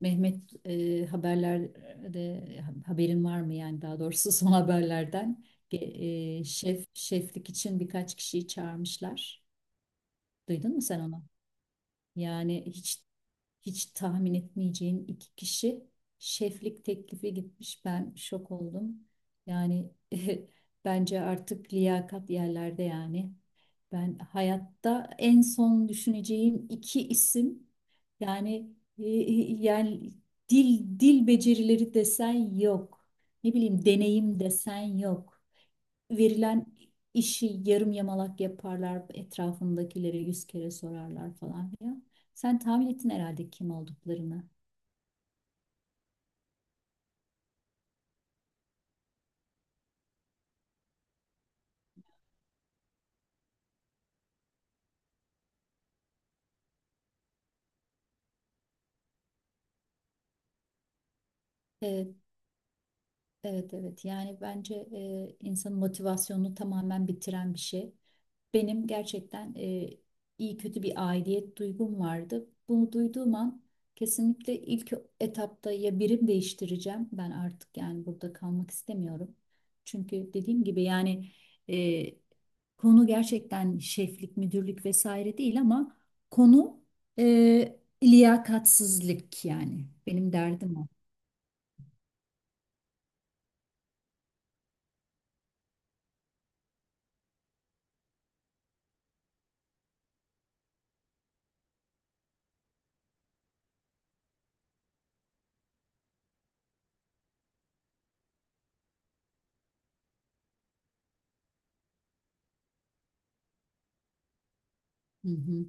Mehmet, haberlerde haberin var mı? Yani daha doğrusu son haberlerden şeflik için birkaç kişiyi çağırmışlar. Duydun mu sen onu? Yani hiç tahmin etmeyeceğin iki kişi şeflik teklifi gitmiş. Ben şok oldum. Yani bence artık liyakat yerlerde yani. Ben hayatta en son düşüneceğim iki isim yani, yani dil becerileri desen yok. Ne bileyim, deneyim desen yok, verilen işi yarım yamalak yaparlar, etrafındakilere yüz kere sorarlar falan filan. Sen tahmin ettin herhalde kim olduklarını. Evet, evet, evet. Yani bence insanın motivasyonunu tamamen bitiren bir şey. Benim gerçekten iyi kötü bir aidiyet duygum vardı. Bunu duyduğum an kesinlikle ilk etapta ya birim değiştireceğim. Ben artık yani burada kalmak istemiyorum. Çünkü dediğim gibi yani, e, konu gerçekten şeflik, müdürlük vesaire değil ama konu liyakatsizlik yani. Benim derdim o. Hı hı.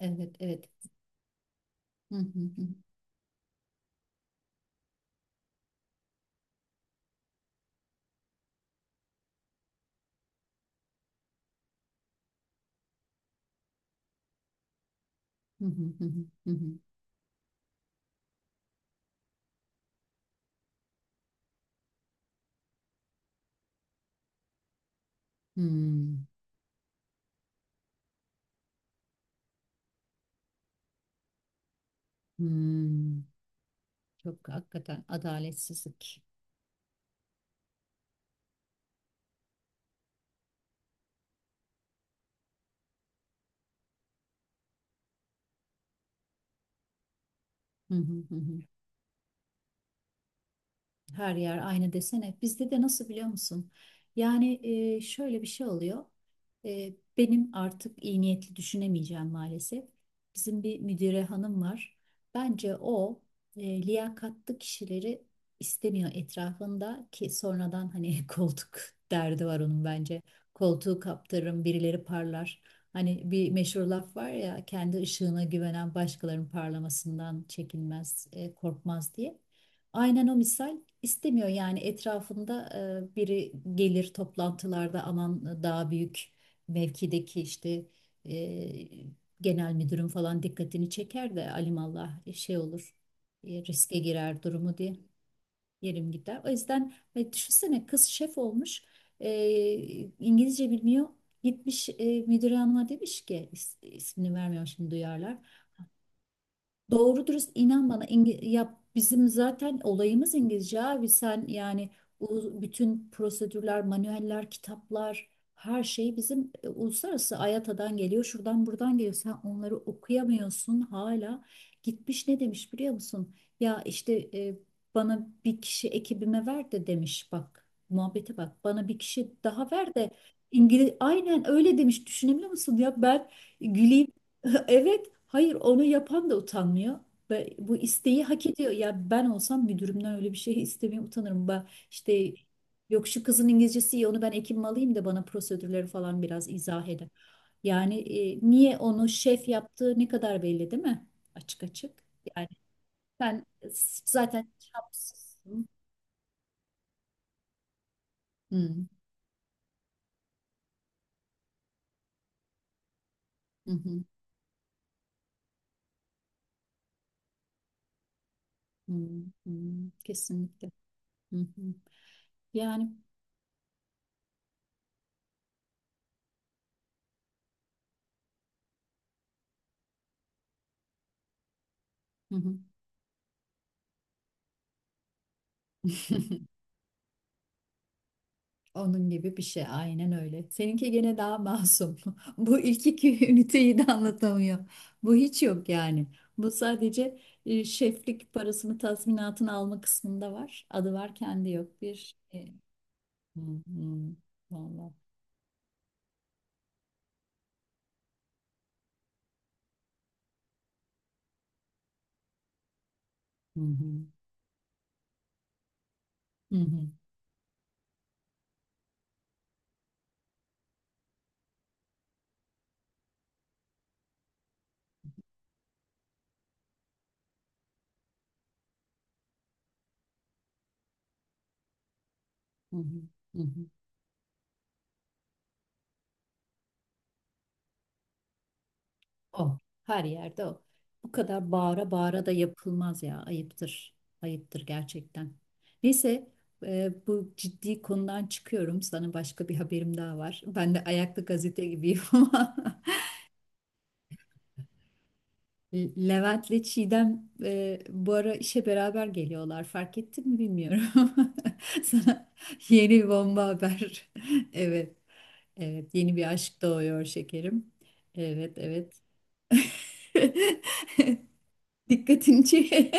Evet, evet. Hı hı hı. Hı hı hı hı. Hı. Hı. Hmm. Hmm. Çok hakikaten adaletsizlik. Hı hı hı hı. Her yer aynı desene. Bizde de nasıl biliyor musun? Yani, şöyle bir şey oluyor. Benim artık iyi niyetli düşünemeyeceğim maalesef. Bizim bir müdüre hanım var. Bence o liyakatlı kişileri istemiyor etrafında, ki sonradan hani koltuk derdi var onun bence. Koltuğu kaptırırım, birileri parlar. Hani bir meşhur laf var ya, kendi ışığına güvenen başkalarının parlamasından çekinmez, korkmaz diye. Aynen o misal, İstemiyor yani etrafında biri gelir toplantılarda, aman daha büyük mevkideki, işte, e, genel müdürün falan dikkatini çeker de alimallah şey olur, riske girer durumu diye yerim gider. O yüzden düşünsene, kız şef olmuş, e, İngilizce bilmiyor, gitmiş müdür hanıma demiş ki, ismini vermiyorum şimdi duyarlar. Doğru dürüst inan bana, ya bizim zaten olayımız İngilizce, abi sen yani bütün prosedürler, manueller, kitaplar, her şey bizim uluslararası AYATA'dan geliyor, şuradan buradan geliyor, sen onları okuyamıyorsun hala. Gitmiş ne demiş biliyor musun? Ya işte, bana bir kişi ekibime ver de demiş, bak muhabbete bak, bana bir kişi daha ver de İngiliz, aynen öyle demiş, düşünebiliyor musun ya? Ben güleyim evet, hayır, onu yapan da utanmıyor. Ve bu isteği hak ediyor. Ya ben olsam müdürümden öyle bir şey istemeye utanırım. Ben işte yok şu kızın İngilizcesi iyi, onu ben ekibime alayım da bana prosedürleri falan biraz izah eder. Yani niye onu şef yaptığı ne kadar belli değil mi? Açık açık. Yani sen zaten şapsızsın. Hı hı hı hı hı. Kesinlikle. Hı hı. Yani hı hı. Onun gibi bir şey, aynen öyle. Seninki gene daha masum. Bu ilk iki üniteyi de anlatamıyor. Bu hiç yok yani. Bu sadece şeflik parasını, tazminatını alma kısmında var. Adı var kendi yok bir. Hı hı. Vallahi. Hı hı. Hı hı. Hı hı. Hı hı. O. Her yerde o. Bu kadar bağıra bağıra da yapılmaz ya. Ayıptır. Ayıptır gerçekten. Neyse, bu ciddi konudan çıkıyorum. Sana başka bir haberim daha var. Ben de ayaklı gazete gibiyim ama. Levent'le Çiğdem bu ara işe beraber geliyorlar. Fark ettin mi bilmiyorum. Sana yeni bir bomba haber. Evet. Evet. Yeni bir aşk doğuyor şekerim. Evet. Evet. Dikkatini çek.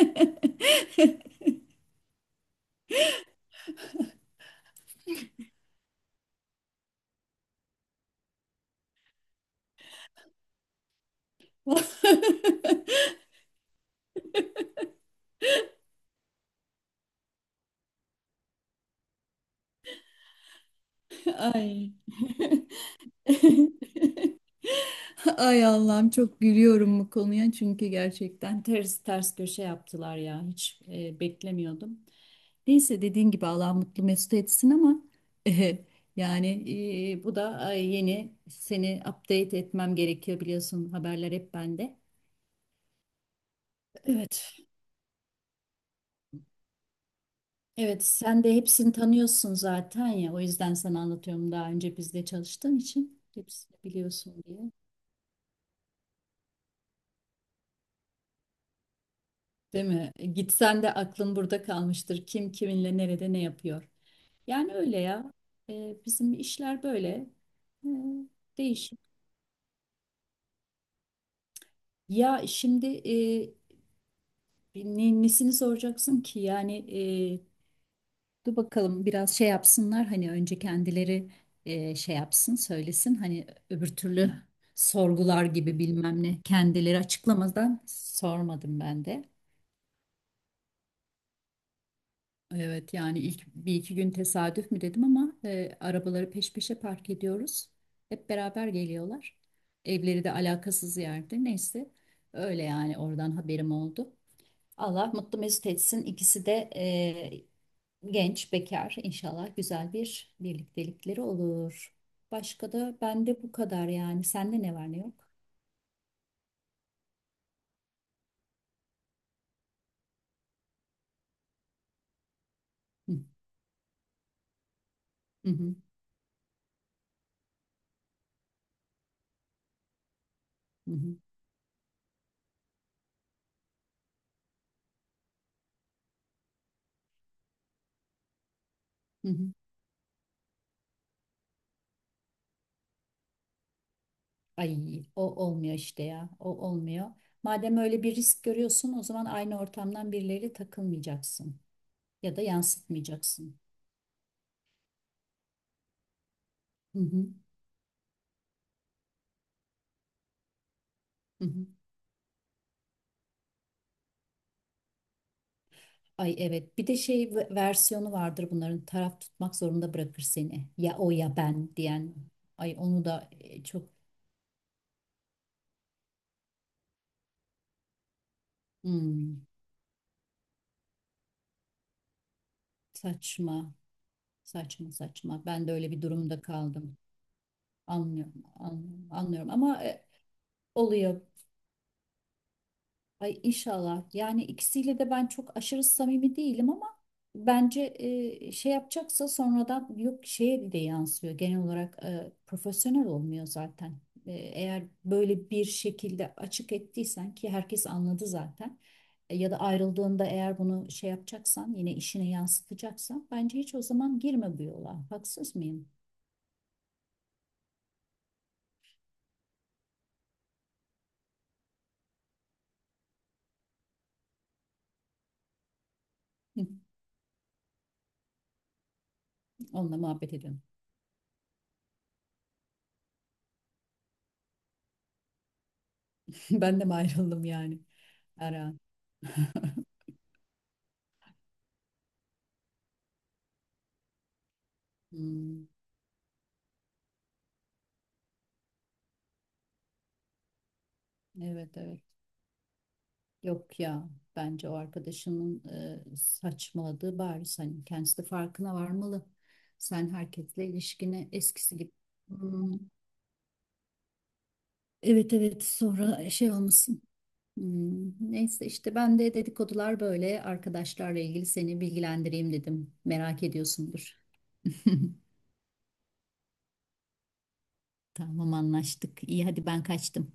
Ay. Ay Allah'ım, çok gülüyorum bu konuya çünkü gerçekten ters ters köşe yaptılar ya, hiç beklemiyordum. Neyse, dediğin gibi Allah mutlu mesut etsin ama yani bu da, yeni, seni update etmem gerekiyor biliyorsun, haberler hep bende. Evet. Evet, sen de hepsini tanıyorsun zaten ya. O yüzden sana anlatıyorum, daha önce bizde çalıştığın için hepsini biliyorsun diye. Değil mi? Gitsen de aklın burada kalmıştır. Kim kiminle nerede ne yapıyor. Yani öyle ya. Bizim işler böyle. E, değişik. Ya şimdi, nesini soracaksın ki? Yani, e, dur bakalım, biraz şey yapsınlar, hani önce kendileri şey yapsın, söylesin, hani öbür türlü sorgular gibi bilmem ne, kendileri açıklamadan sormadım ben de. Evet, yani ilk bir iki gün tesadüf mü dedim ama arabaları peş peşe park ediyoruz. Hep beraber geliyorlar. Evleri de alakasız yerde, neyse, öyle yani oradan haberim oldu. Allah mutlu mesut etsin. İkisi de genç, bekar. İnşallah güzel bir birliktelikleri olur. Başka da bende bu kadar yani. Sende ne var ne yok? Hı hı hı hı. Hı, hı. Ay, o olmuyor işte ya. O olmuyor. Madem öyle bir risk görüyorsun, o zaman aynı ortamdan birileriyle takılmayacaksın ya da yansıtmayacaksın. Hı hı hı. Hı. Ay, evet, bir de şey versiyonu vardır bunların, taraf tutmak zorunda bırakır seni, ya o ya ben diyen. Ay, onu da çok hmm, saçma saçma ben de öyle bir durumda kaldım, anlıyorum ama, oluyor. Ay inşallah. Yani ikisiyle de ben çok aşırı samimi değilim ama bence şey yapacaksa sonradan, yok, şeye de yansıyor. Genel olarak profesyonel olmuyor zaten. Eğer böyle bir şekilde açık ettiysen, ki herkes anladı zaten. Ya da ayrıldığında eğer bunu şey yapacaksan, yine işine yansıtacaksan, bence hiç o zaman girme bu yola. Haksız mıyım? Hı. Onunla muhabbet ediyorum. Ben de mi ayrıldım yani? Ara. Hmm, evet, evet. Yok ya, bence o arkadaşının saçmaladığı bariz, hani kendisi de farkına varmalı. Sen herkesle ilişkine eskisi gibi. Hmm. Evet, evet, sonra şey olmasın. Hmm. Neyse işte, ben de dedikodular böyle arkadaşlarla ilgili seni bilgilendireyim dedim. Merak ediyorsundur. Tamam, anlaştık. İyi, hadi ben kaçtım.